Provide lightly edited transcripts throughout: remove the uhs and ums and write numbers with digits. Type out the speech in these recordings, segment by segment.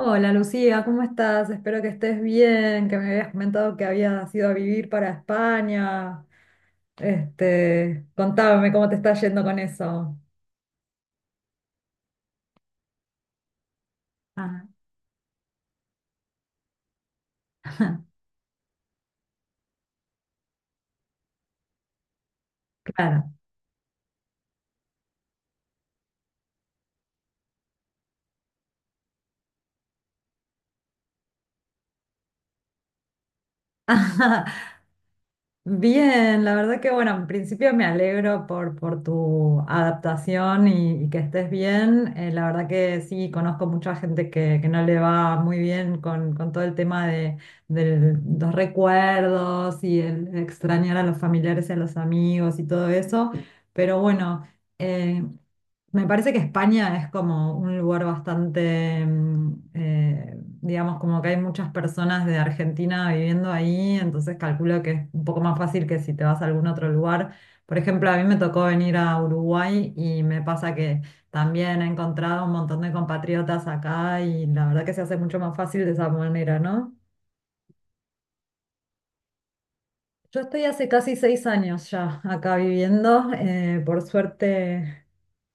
Hola Lucía, ¿cómo estás? Espero que estés bien, que me habías comentado que habías ido a vivir para España. Este, contame cómo te está yendo con eso. Ah, claro. Bien, la verdad que bueno, en principio me alegro por tu adaptación y que estés bien. La verdad que sí, conozco mucha gente que no le va muy bien con todo el tema de los recuerdos y el extrañar a los familiares y a los amigos y todo eso. Pero bueno, eh, me parece que España es como un lugar bastante, digamos, como que hay muchas personas de Argentina viviendo ahí, entonces calculo que es un poco más fácil que si te vas a algún otro lugar. Por ejemplo, a mí me tocó venir a Uruguay y me pasa que también he encontrado un montón de compatriotas acá y la verdad que se hace mucho más fácil de esa manera, ¿no? Yo estoy hace casi 6 años ya acá viviendo, por suerte.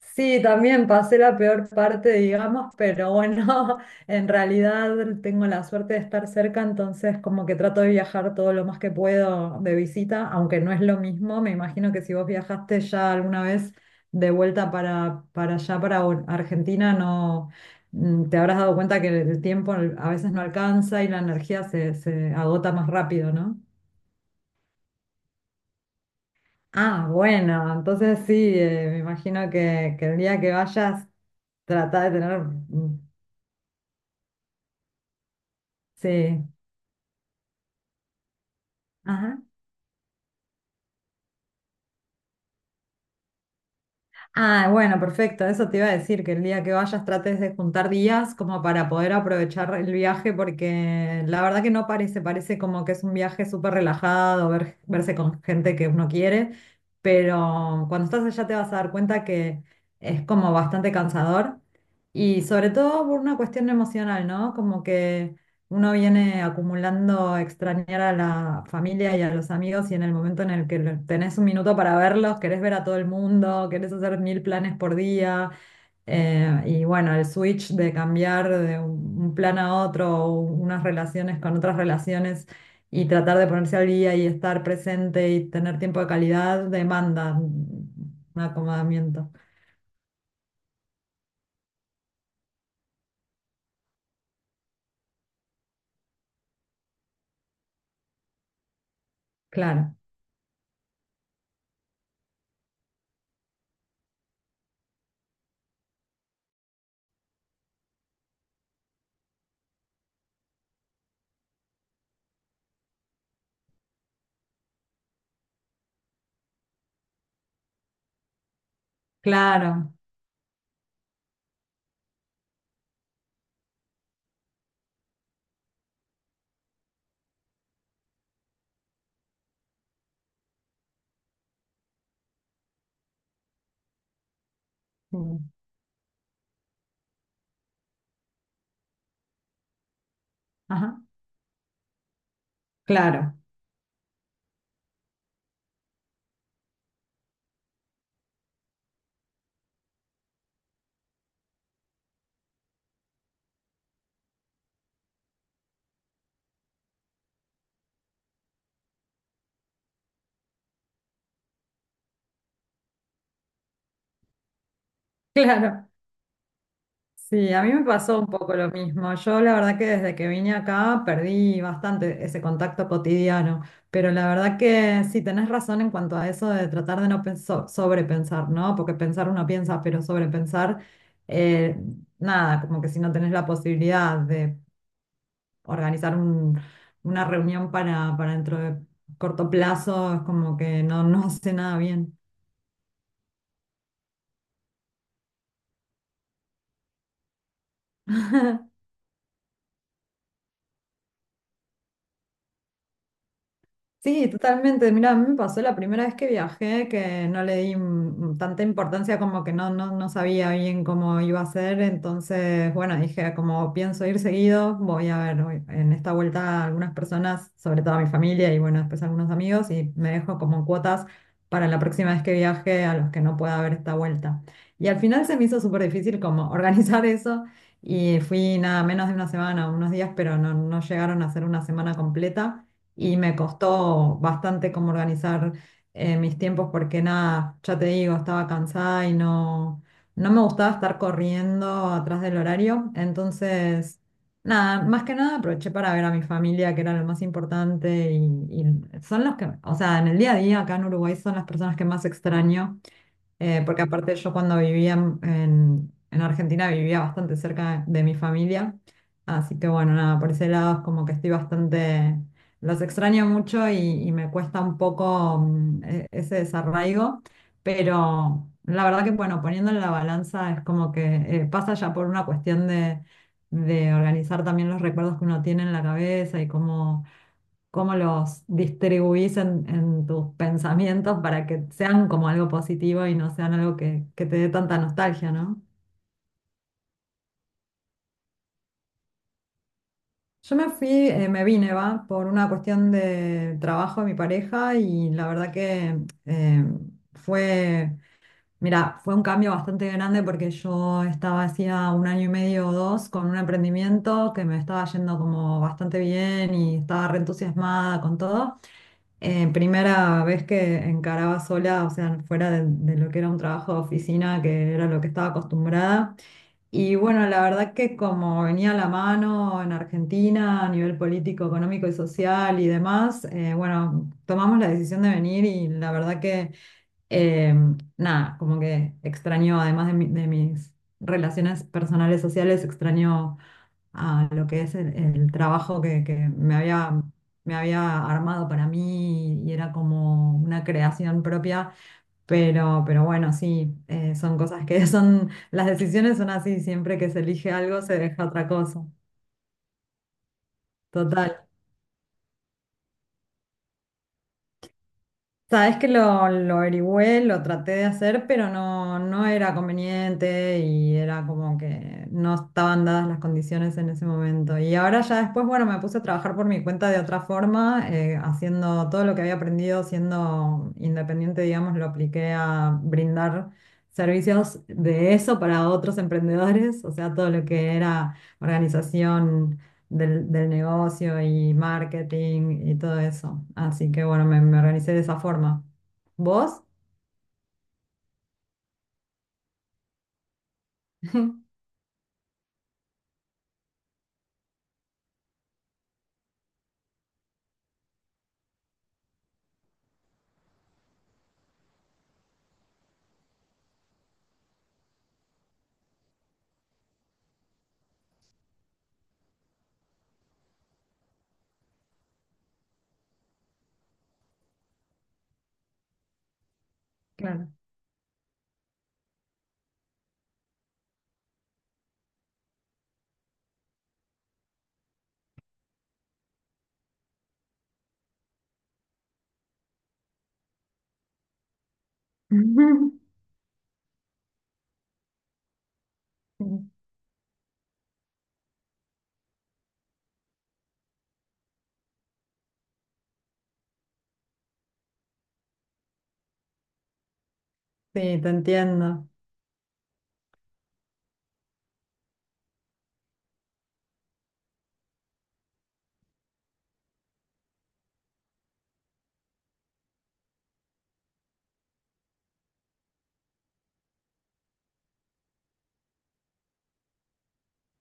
Sí, también pasé la peor parte, digamos, pero bueno, en realidad tengo la suerte de estar cerca, entonces como que trato de viajar todo lo más que puedo de visita, aunque no es lo mismo, me imagino que si vos viajaste ya alguna vez de vuelta para allá, para Argentina, no. Te habrás dado cuenta que el tiempo a veces no alcanza y la energía se agota más rápido, ¿no? Ah, bueno, entonces sí, me imagino que el día que vayas, trata de tener... Sí. Ajá. Ah, bueno, perfecto. Eso te iba a decir, que el día que vayas trates de juntar días como para poder aprovechar el viaje, porque la verdad que no parece, parece como que es un viaje súper relajado, verse con gente que uno quiere, pero cuando estás allá te vas a dar cuenta que es como bastante cansador y sobre todo por una cuestión emocional, ¿no? Como que... Uno viene acumulando extrañar a la familia y a los amigos y en el momento en el que tenés un minuto para verlos, querés ver a todo el mundo, querés hacer mil planes por día. Y bueno, el switch de cambiar de un plan a otro, o unas relaciones con otras relaciones y tratar de ponerse al día y estar presente y tener tiempo de calidad demanda un acomodamiento. Claro, claro. mm, Ajá, claro, claro. Sí, a mí me pasó un poco lo mismo. Yo la verdad que desde que vine acá perdí bastante ese contacto cotidiano, pero la verdad que sí, tenés razón en cuanto a eso de tratar de no sobrepensar, ¿no? Porque pensar uno piensa, pero sobrepensar, eh, nada, como que si no tenés la posibilidad de organizar una reunión para dentro de corto plazo, es como que no, no hace nada bien. Sí, totalmente. Mira, a mí me pasó la primera vez que viajé que no le di tanta importancia como que no, no sabía bien cómo iba a ser. Entonces, bueno, dije, como pienso ir seguido, voy a ver en esta vuelta algunas personas, sobre todo a mi familia y bueno, después algunos amigos, y me dejo como cuotas para la próxima vez que viaje a los que no pueda ver esta vuelta. Y al final se me hizo súper difícil como organizar eso y fui nada menos de una semana, unos días, pero no, no llegaron a ser una semana completa y me costó bastante como organizar mis tiempos porque nada, ya te digo, estaba cansada y no, no me gustaba estar corriendo atrás del horario. Entonces, nada, más que nada aproveché para ver a mi familia, que era lo más importante y son los que, o sea, en el día a día acá en Uruguay son las personas que más extraño. Porque aparte yo cuando vivía en Argentina vivía bastante cerca de mi familia, así que bueno, nada, por ese lado es como que estoy bastante, los extraño mucho y me cuesta un poco ese desarraigo, pero la verdad que bueno, poniendo en la balanza es como que pasa ya por una cuestión de organizar también los recuerdos que uno tiene en la cabeza y cómo cómo los distribuís en tus pensamientos para que sean como algo positivo y no sean algo que te dé tanta nostalgia, ¿no? Yo me fui, me vine, va, por una cuestión de trabajo de mi pareja y la verdad que eh, fue... Mira, fue un cambio bastante grande porque yo estaba hacía un año y medio o dos con un emprendimiento que me estaba yendo como bastante bien y estaba re entusiasmada con todo. Primera vez que encaraba sola, o sea, fuera de lo que era un trabajo de oficina, que era lo que estaba acostumbrada. Y bueno, la verdad que como venía a la mano en Argentina a nivel político, económico y social y demás, bueno, tomamos la decisión de venir y la verdad que eh, nada, como que extraño, además de, de mis relaciones personales sociales, extraño a lo que es el trabajo que me había armado para mí y era como una creación propia, pero bueno, sí, son cosas que son, las decisiones son así, siempre que se elige algo se deja otra cosa. Total. Sabes que lo averigüé, lo traté de hacer, pero no, no era conveniente y era como que no estaban dadas las condiciones en ese momento. Y ahora ya después, bueno, me puse a trabajar por mi cuenta de otra forma, haciendo todo lo que había aprendido siendo independiente, digamos, lo apliqué a brindar servicios de eso para otros emprendedores, o sea, todo lo que era organización del negocio y marketing y todo eso. Así que bueno, me organicé de esa forma. ¿Vos? Claro. Sí, te entiendo.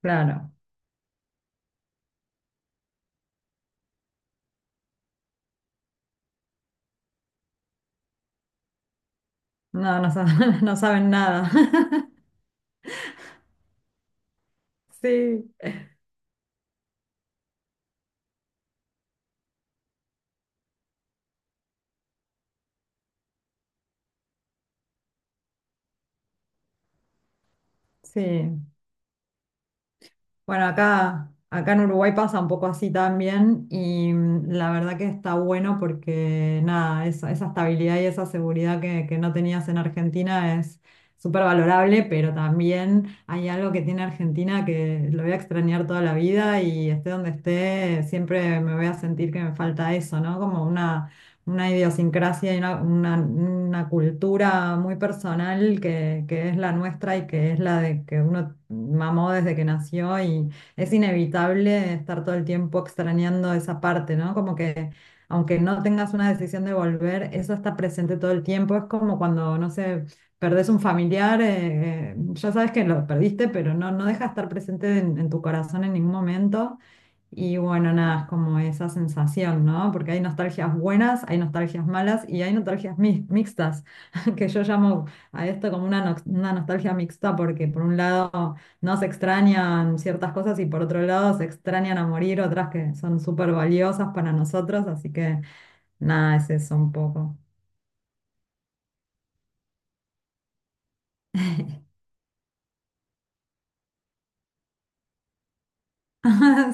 Claro. No, no, no saben nada. Sí, sí. Bueno, acá en Uruguay pasa un poco así también y la verdad que está bueno porque nada, esa estabilidad y esa seguridad que no tenías en Argentina es súper valorable, pero también hay algo que tiene Argentina que lo voy a extrañar toda la vida y esté donde esté, siempre me voy a sentir que me falta eso, ¿no? Como una idiosincrasia y una, una cultura muy personal que es la nuestra y que es la de que uno mamó desde que nació y es inevitable estar todo el tiempo extrañando esa parte, ¿no? Como que aunque no tengas una decisión de volver, eso está presente todo el tiempo. Es como cuando, no sé, perdés un familiar, ya sabes que lo perdiste, pero no, no deja de estar presente en tu corazón en ningún momento. Y bueno, nada, es como esa sensación, ¿no? Porque hay nostalgias buenas, hay nostalgias malas y hay nostalgias mixtas, que yo llamo a esto como una, una nostalgia mixta porque por un lado no se extrañan ciertas cosas y por otro lado se extrañan a morir otras que son súper valiosas para nosotros, así que nada, es eso un poco.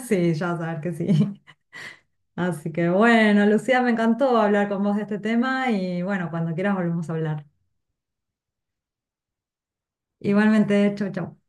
Sí, ya sabes que sí. Así que bueno, Lucía, me encantó hablar con vos de este tema y bueno, cuando quieras volvemos a hablar. Igualmente, chau, chau.